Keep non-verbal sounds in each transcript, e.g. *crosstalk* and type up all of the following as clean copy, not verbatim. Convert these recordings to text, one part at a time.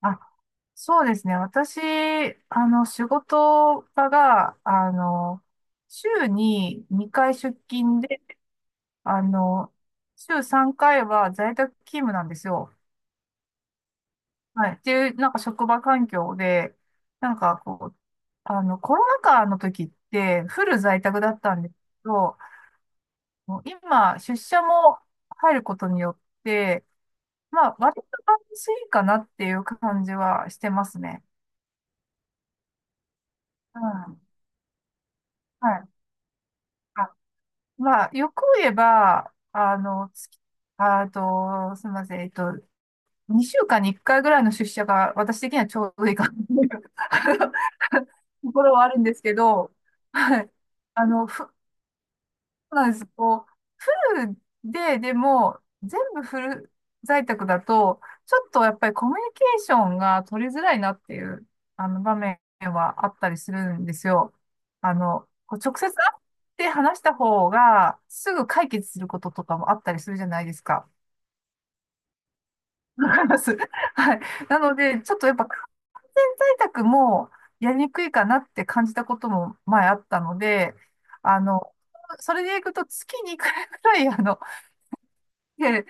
あそうですね。私、仕事場が、週に2回出勤で、あの、週3回は在宅勤務なんですよ。はい。っていう、なんか職場環境で、なんかこう、コロナ禍の時ってフル在宅だったんですけど、もう今、出社も入ることによって、まあ、割と安心かなっていう感じはしてますね。うん。はい。あまあ、よく言えば、あと、すみません、2週間に1回ぐらいの出社が私的にはちょうどいいかなという *laughs* ところはあるんですけど、はい。ふうなんです。こう、フルで、でも、全部フル在宅だと、ちょっとやっぱりコミュニケーションが取りづらいなっていう、場面はあったりするんですよ。こう直接会って話した方が、すぐ解決することとかもあったりするじゃないですか。わかります。*laughs* はい。なので、ちょっとやっぱ完全在宅もやりにくいかなって感じたことも前あったので、あの、それでいくと月に1回くらい、あの、で、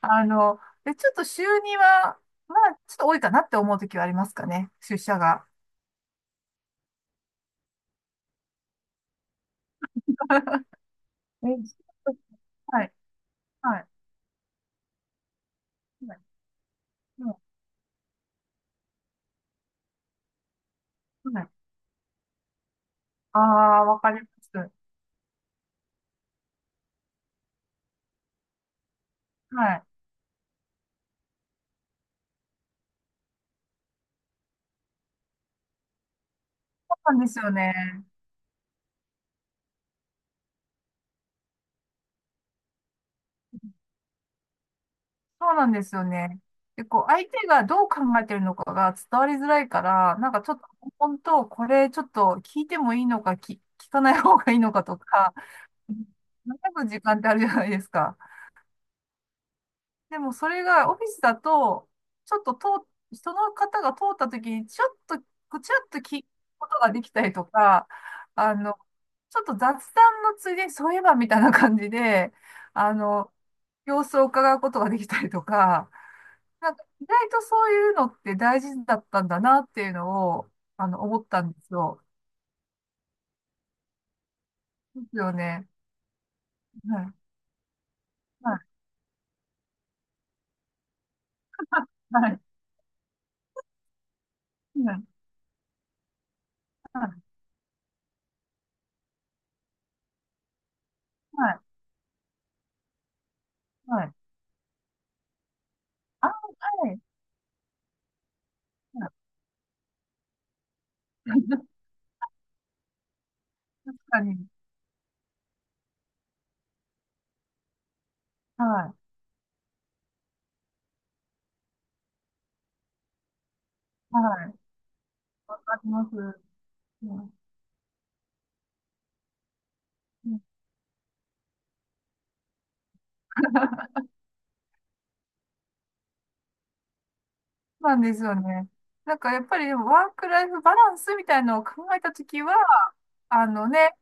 あの、で、ちょっと週入は、まあ、ちょっと多いかなって思う時はありますかね、出社が。*laughs* え、はい、はい、はい、うん。はい。ああ、わかります。はい。そうなんですよね。そうなんですよね。でこう相手がどう考えてるのかが伝わりづらいから、なんかちょっと、本当、これちょっと聞いてもいいのか、聞かない方がいいのかとか、悩む時間ってあるじゃないですか。でもそれがオフィスだと、ちょっと人の方が通った時に、ちょっと、こうちらっと聞くことができたりとか、あの、ちょっと雑談のついでに、そういえばみたいな感じで、あの、様子を伺うことができたりとか、なんか意外とそういうのって大事だったんだなっていうのを、思ったんですよ。ですよね。はい。はい。はい。はい。はい。はい。はい。あ、はい。はい。 *laughs* 確かに。はい。はい。わかります。うん、そうなんですよね。なんかやっぱりでもワークライフバランスみたいなのを考えたときは、あのね、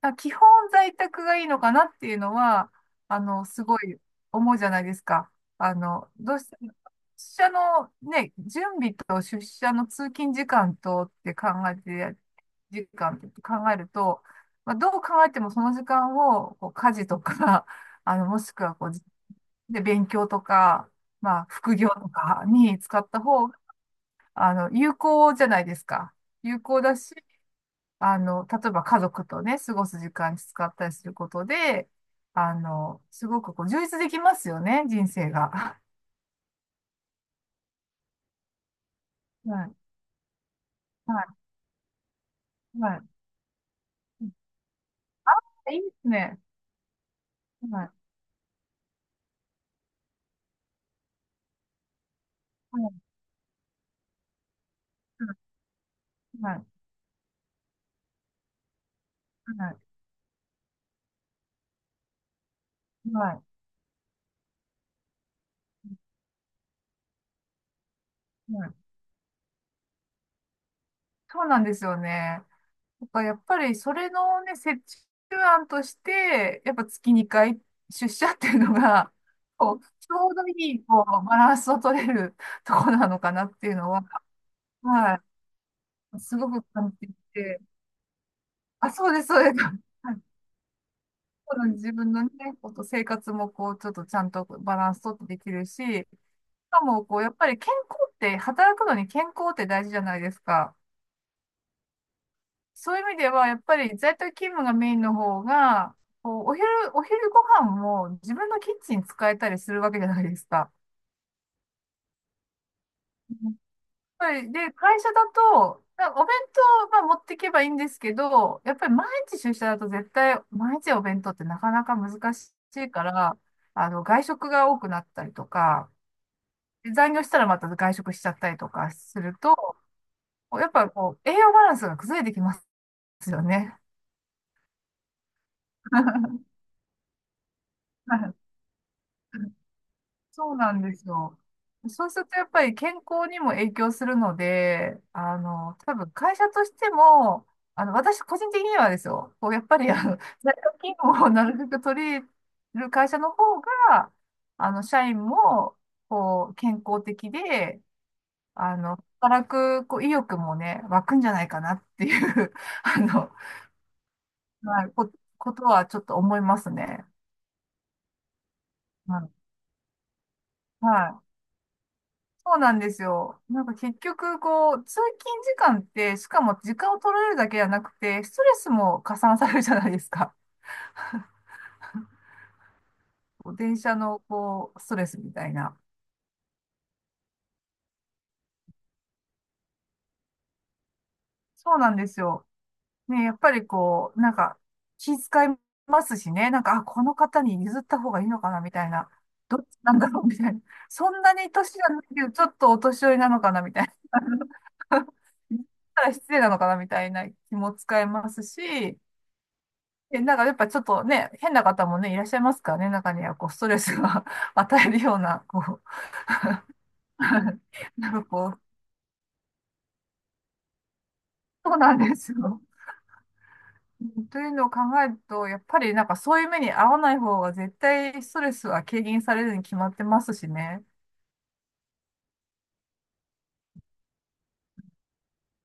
基本在宅がいいのかなっていうのは、すごい思うじゃないですか。どうしても、出社のね、準備と出社の通勤時間とって考えて、時間って考えると、まあ、どう考えてもその時間をこう家事とか、*laughs* もしくはこうで、勉強とか、まあ、副業とかに使った方が、有効じゃないですか。有効だし、例えば家族とね、過ごす時間に使ったりすることで、すごくこう、充実できますよね、人生が。*laughs* はい、はい、はい。いいですね。はい、はい、はい、はい、はい。はい。そうなんですよね。なんかやっぱりそれのね、折衷案として、やっぱ月2回出社っていうのが、こう、ちょうどいい、こう、バランスを取れるところなのかなっていうのは、はい、すごく感じていて、あ、そうです、そうです。*laughs* はい。この自分のね、生活もこう、ちょっとちゃんとバランス取ってできるし、しかもこう、やっぱり健康って、働くのに健康って大事じゃないですか。そういう意味では、やっぱり在宅勤務がメインの方が、こう、お昼ご飯も自分のキッチン使えたりするわけじゃないですか。うん。やっぱりで、会社だと、なお弁当は持っていけばいいんですけど、やっぱり毎日出社だと絶対、毎日お弁当ってなかなか難しいから、外食が多くなったりとか、で残業したらまた外食しちゃったりとかすると、やっぱこう、栄養バランスが崩れてきますよね。*laughs* そうなんですよ。そうするとやっぱり健康にも影響するので、多分会社としても、私個人的にはですよ、こうやっぱり在宅勤務をなるべく取り入れる会社の方が、社員も、こう、健康的で、働く、こう、意欲もね、湧くんじゃないかなっていう *laughs* あの、はい、こ、ことはちょっと思いますね。はい。はい。そうなんですよ。なんか結局、こう、通勤時間って、しかも時間を取られるだけじゃなくて、ストレスも加算されるじゃないですか。*laughs* こう電車の、こう、ストレスみたいな。そうなんですよ。ね、やっぱりこう、なんか、気遣いますしね、なんか、あ、この方に譲った方がいいのかな、みたいな。どっちなんだろう、みたいな。*laughs* そんなに年じゃないけど、ちょっとお年寄りなのかな、みたいな。*laughs* 言ったら失礼なのかな、みたいな気も使いますし、え、なんかやっぱちょっとね、変な方もね、いらっしゃいますからね、中にはこう、ストレスが *laughs* 与えるような、こう *laughs* なんかこう、そうなんですよ。*laughs* というのを考えると、やっぱりなんかそういう目に遭わない方が絶対ストレスは軽減されるに決まってますしね。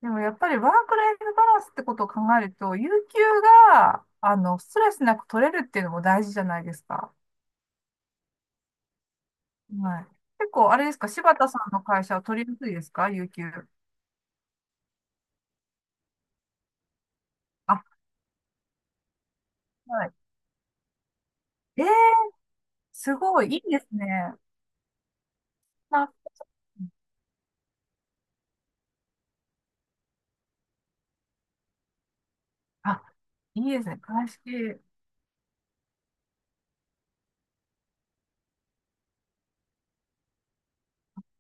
でもやっぱりワークライフバランスってことを考えると、有給が、ストレスなく取れるっていうのも大事じゃないですか。はい。結構、あれですか、柴田さんの会社は取りやすいですか、有給。あ、はい。えーすごい、いいですね。な、あ、いいですね。鑑識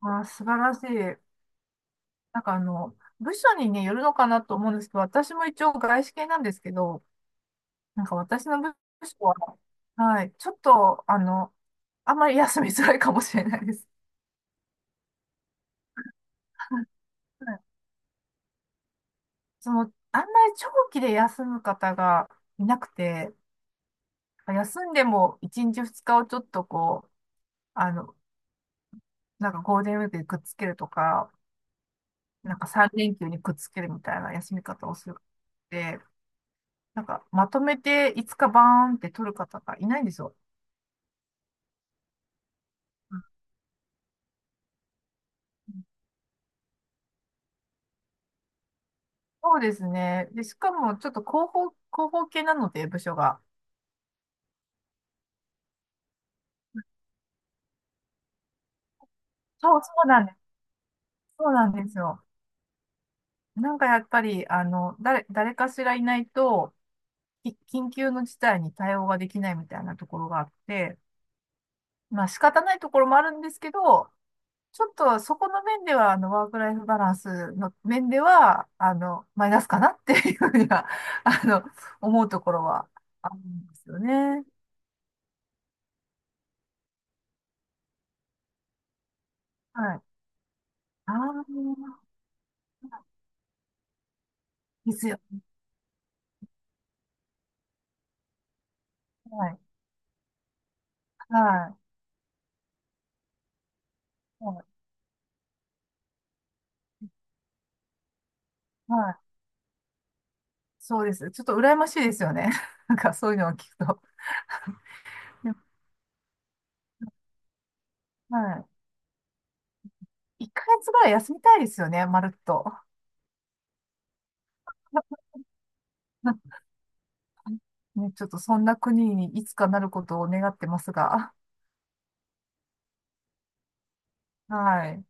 は素晴らしい。なんか部署にね、よるのかなと思うんですけど、私も一応外資系なんですけど、なんか私の部署は、はい、ちょっと、あんまり休みづらいかもしれないです。*laughs* はい。あんまり長期で休む方がいなくて、休んでも1日2日をちょっとこう、あの、なんかゴールデンウィークでくっつけるとか、なんか3連休にくっつけるみたいな休み方をするって、なんかまとめていつかバーンって取る方がいないんですよ。うん。そうですね。で、しかもちょっと広報系なので、部署が。そう、そうなんです。そうなんですよ。なんかやっぱり、誰かしらいないと、緊急の事態に対応ができないみたいなところがあって、まあ仕方ないところもあるんですけど、ちょっとそこの面では、ワークライフバランスの面では、マイナスかなっていうふうには、*laughs* あの、思うところはあるんですよね。はい。ああ、ですよ。はい。はい。はい。はい。そうです。ちょっと羨ましいですよね。*laughs* なんかそういうのを聞くと。でも、はい。1ヶ月ぐらい休みたいですよね、まるっと。*laughs* ね、ちょっとそんな国にいつかなることを願ってますが。はい。